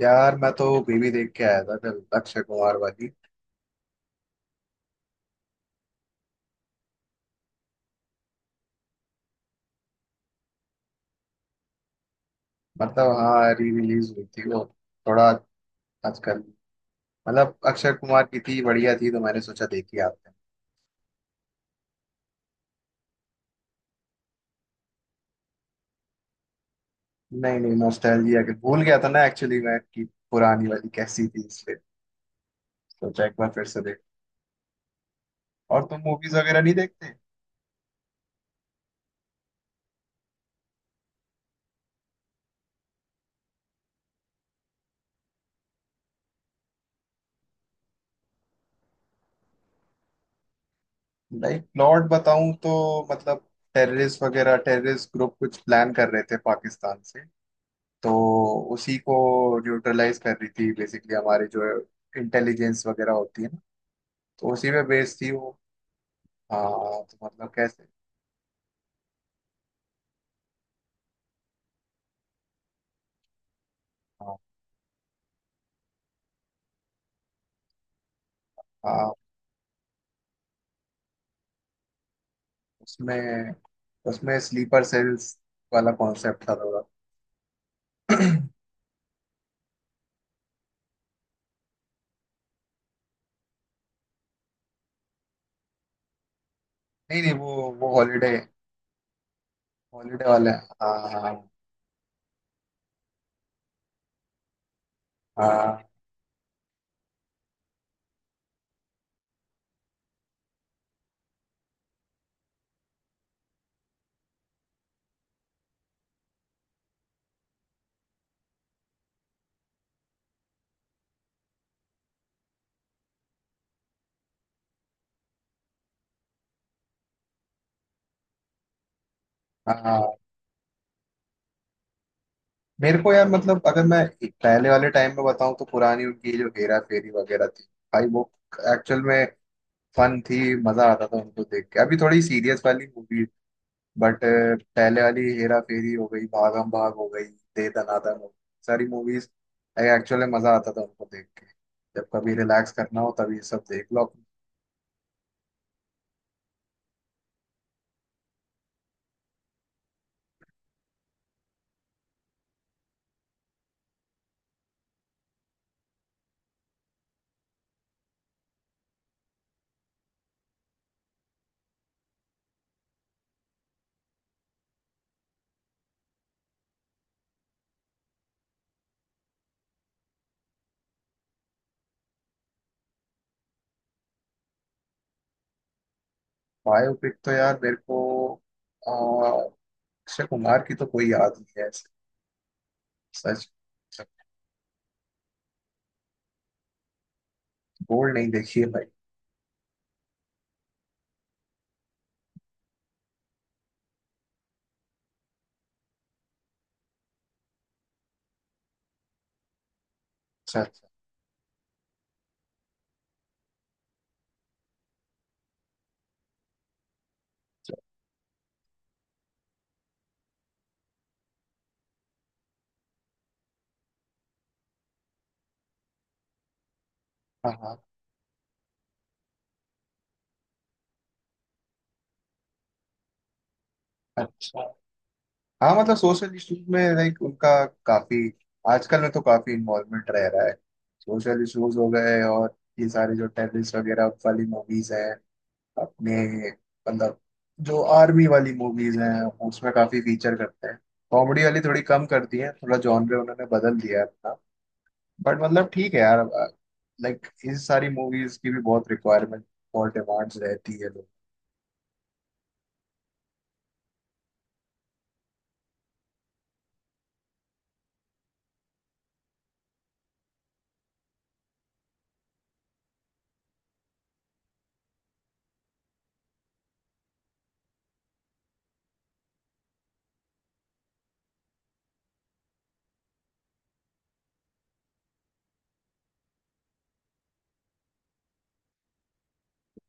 यार मैं तो बीवी देख के आया था कल, अक्षय कुमार वाली। हाँ, री रिलीज हुई थी वो। थोड़ा आजकल। अक्षय कुमार की थी, बढ़िया थी, तो मैंने सोचा, देखी आपने। नहीं नहीं, नॉस्टैल्जिया के भूल गया था ना एक्चुअली मैं कि पुरानी वाली कैसी थी, इसलिए सोचा एक बार फिर से देख। और तुम मूवीज वगैरह नहीं देखते। लाइक प्लॉट बताऊं तो मतलब टेररिस्ट वगैरह, टेररिस्ट ग्रुप कुछ प्लान कर रहे थे पाकिस्तान से, तो उसी को न्यूट्रलाइज कर रही थी बेसिकली, हमारे जो इंटेलिजेंस वगैरह होती है, तो उसी पे बेस थी वो। हाँ। तो मतलब कैसे। हाँ हाँ, उसमें उसमें स्लीपर सेल्स वाला कॉन्सेप्ट था थोड़ा। नहीं। नहीं, वो हॉलीडे, हॉलीडे वाला है। हाँ हाँ। हाँ हाँ। मेरे को यार, मतलब अगर मैं पहले वाले टाइम में बताऊं तो पुरानी उनकी जो हेरा फेरी वगैरह थी, भाई वो एक्चुअल में फन थी। मजा आता था उनको देख के। अभी थोड़ी सीरियस वाली मूवी, बट पहले वाली हेरा फेरी हो गई, भागम भाग हो गई, दे दनादन हो गई, सारी मूवीज एक्चुअली मजा आता था उनको देख के। जब कभी रिलैक्स करना हो तभी ये सब देख लो। बायोपिक तो यार मेरे को अ, अक्षय कुमार की तो कोई याद नहीं है ऐसे। सच। बोल्ड नहीं देखी है भाई। अच्छा अच्छा। अच्छा, हाँ हाँ, अच्छा। हाँ, मतलब सोशल इश्यूज में लाइक उनका काफी, आजकल में तो काफी इन्वॉल्वमेंट रह रहा है। सोशल इश्यूज हो गए, और ये सारे जो टेररिस्ट वगैरह वाली मूवीज हैं अपने मतलब, जो आर्मी वाली मूवीज हैं, उसमें काफी फीचर करते हैं। कॉमेडी वाली थोड़ी कम करती है, थोड़ा जॉनर उन्होंने बदल दिया है अपना। बट मतलब ठीक है यार, लाइक इस सारी मूवीज की भी बहुत रिक्वायरमेंट और डिमांड्स रहती है लोग।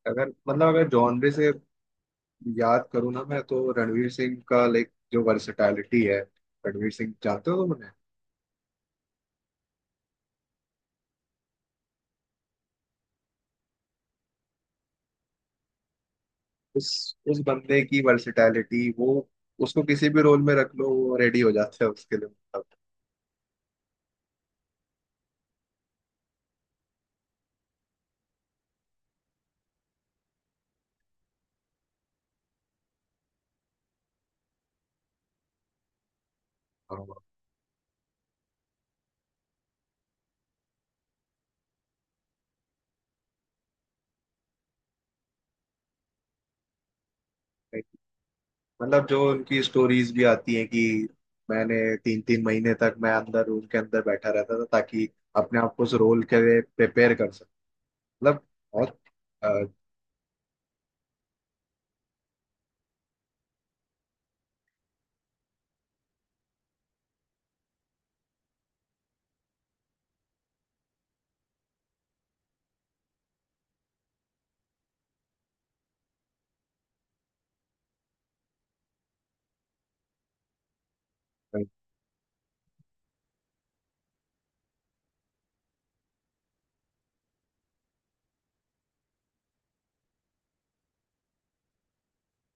अगर मतलब अगर जॉनर से याद करूँ ना मैं तो रणवीर सिंह का लाइक जो वर्सेटैलिटी है। रणवीर सिंह जानते हो तुम उन्हें। उस उस बंदे की वर्सेटैलिटी, वो उसको किसी भी रोल में रख लो, वो रेडी हो जाता है उसके लिए मतलब। हाँ, मतलब जो उनकी स्टोरीज भी आती हैं कि मैंने तीन तीन महीने तक मैं अंदर रूम के अंदर बैठा रहता था ताकि अपने आप को उस रोल के लिए प्रिपेयर कर सकूं, मतलब बहुत।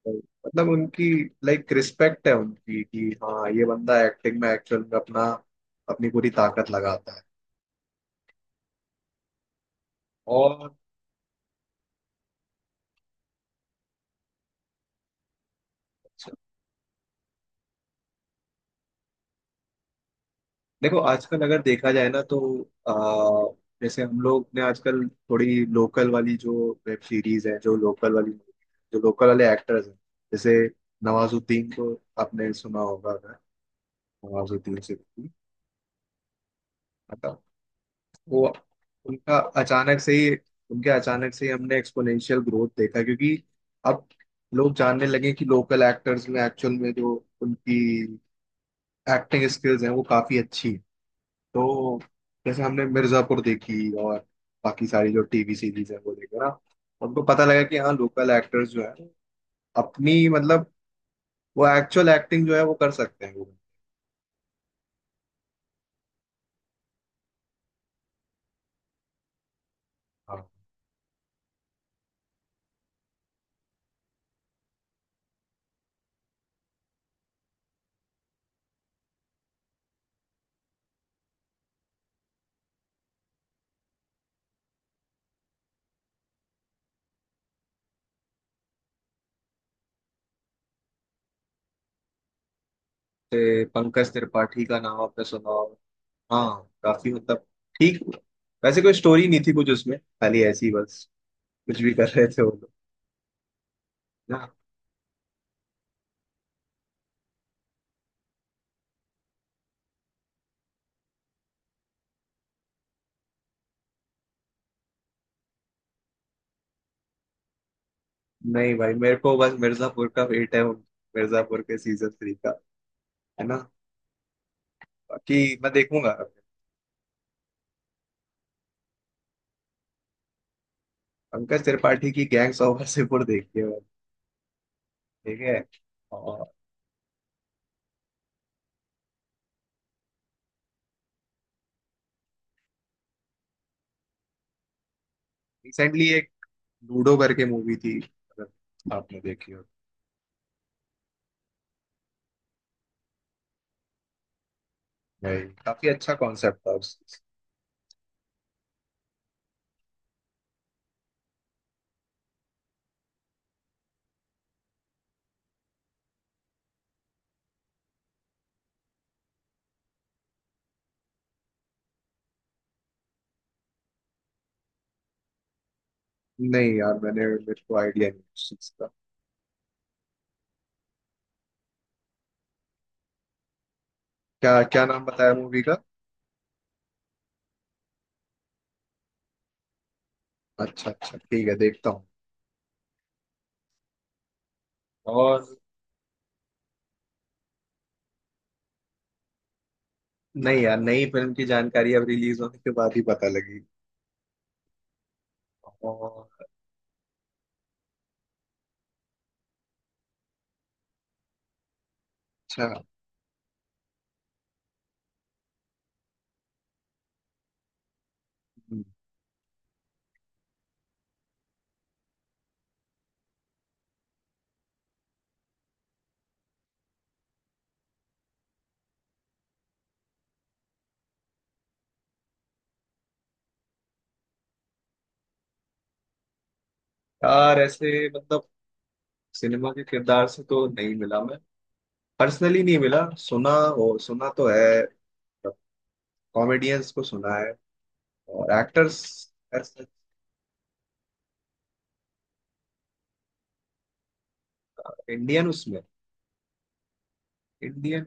मतलब उनकी लाइक रिस्पेक्ट है उनकी कि हाँ, ये बंदा एक्टिंग में एक्चुअल में अपना अपनी पूरी ताकत लगाता है। और। अच्छा, देखो आजकल अगर देखा जाए ना तो जैसे हम लोग ने आजकल थोड़ी लोकल वाली जो वेब सीरीज है, जो लोकल वाली, जो लोकल वाले एक्टर्स हैं, जैसे नवाजुद्दीन को आपने सुना होगा अगर, नवाजुद्दीन सिद्दीकी। वो उनका अचानक से ही, उनके अचानक से ही हमने एक्सपोनेंशियल ग्रोथ देखा क्योंकि अब लोग जानने लगे कि लोकल एक्टर्स में एक्चुअल में जो उनकी एक्टिंग स्किल्स हैं वो काफी अच्छी है। तो जैसे हमने मिर्जापुर देखी, और बाकी सारी जो टीवी सीरीज है वो देखा ना, उनको पता लगा कि हाँ, लोकल एक्टर्स जो है अपनी मतलब, वो एक्चुअल एक्टिंग जो है वो कर सकते हैं वो। हाँ, जैसे पंकज त्रिपाठी का नाम आपने सुना होगा। हाँ काफी, मतलब ठीक। वैसे कोई स्टोरी नहीं थी कुछ उसमें, खाली ऐसी ही बस, कुछ भी कर रहे थे वो लोग। ना। नहीं भाई, मेरे को बस मिर्जापुर का वेट है, मिर्जापुर के सीजन 3 का, है ना, बाकी मैं देखूंगा। पंकज त्रिपाठी की गैंग्स ऑफ वासेपुर देखी है मैंने, ठीक है। और रिसेंटली एक लूडो करके मूवी थी, अगर आपने देखी हो, भाई काफी अच्छा कॉन्सेप्ट था उस। नहीं यार मैंने, मेरे को आइडिया नहीं उस चीज का। क्या क्या नाम बताया मूवी का। अच्छा अच्छा ठीक है, देखता हूँ। और नहीं यार, नई फिल्म की जानकारी अब रिलीज होने के बाद ही पता लगी। और- अच्छा। हम्म। यार ऐसे मतलब सिनेमा के किरदार से तो नहीं मिला मैं, पर्सनली नहीं मिला, सुना हो सुना तो है, कॉमेडियंस को सुना है और एक्टर्स ऐसे। इंडियन उसमें इंडियन।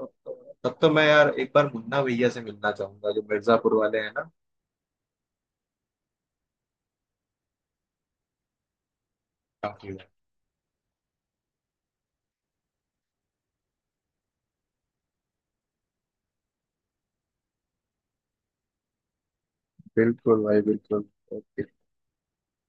तब तो मैं यार एक बार मुन्ना भैया से मिलना चाहूंगा जो मिर्जापुर वाले हैं ना। काफी है। बिल्कुल भाई बिल्कुल।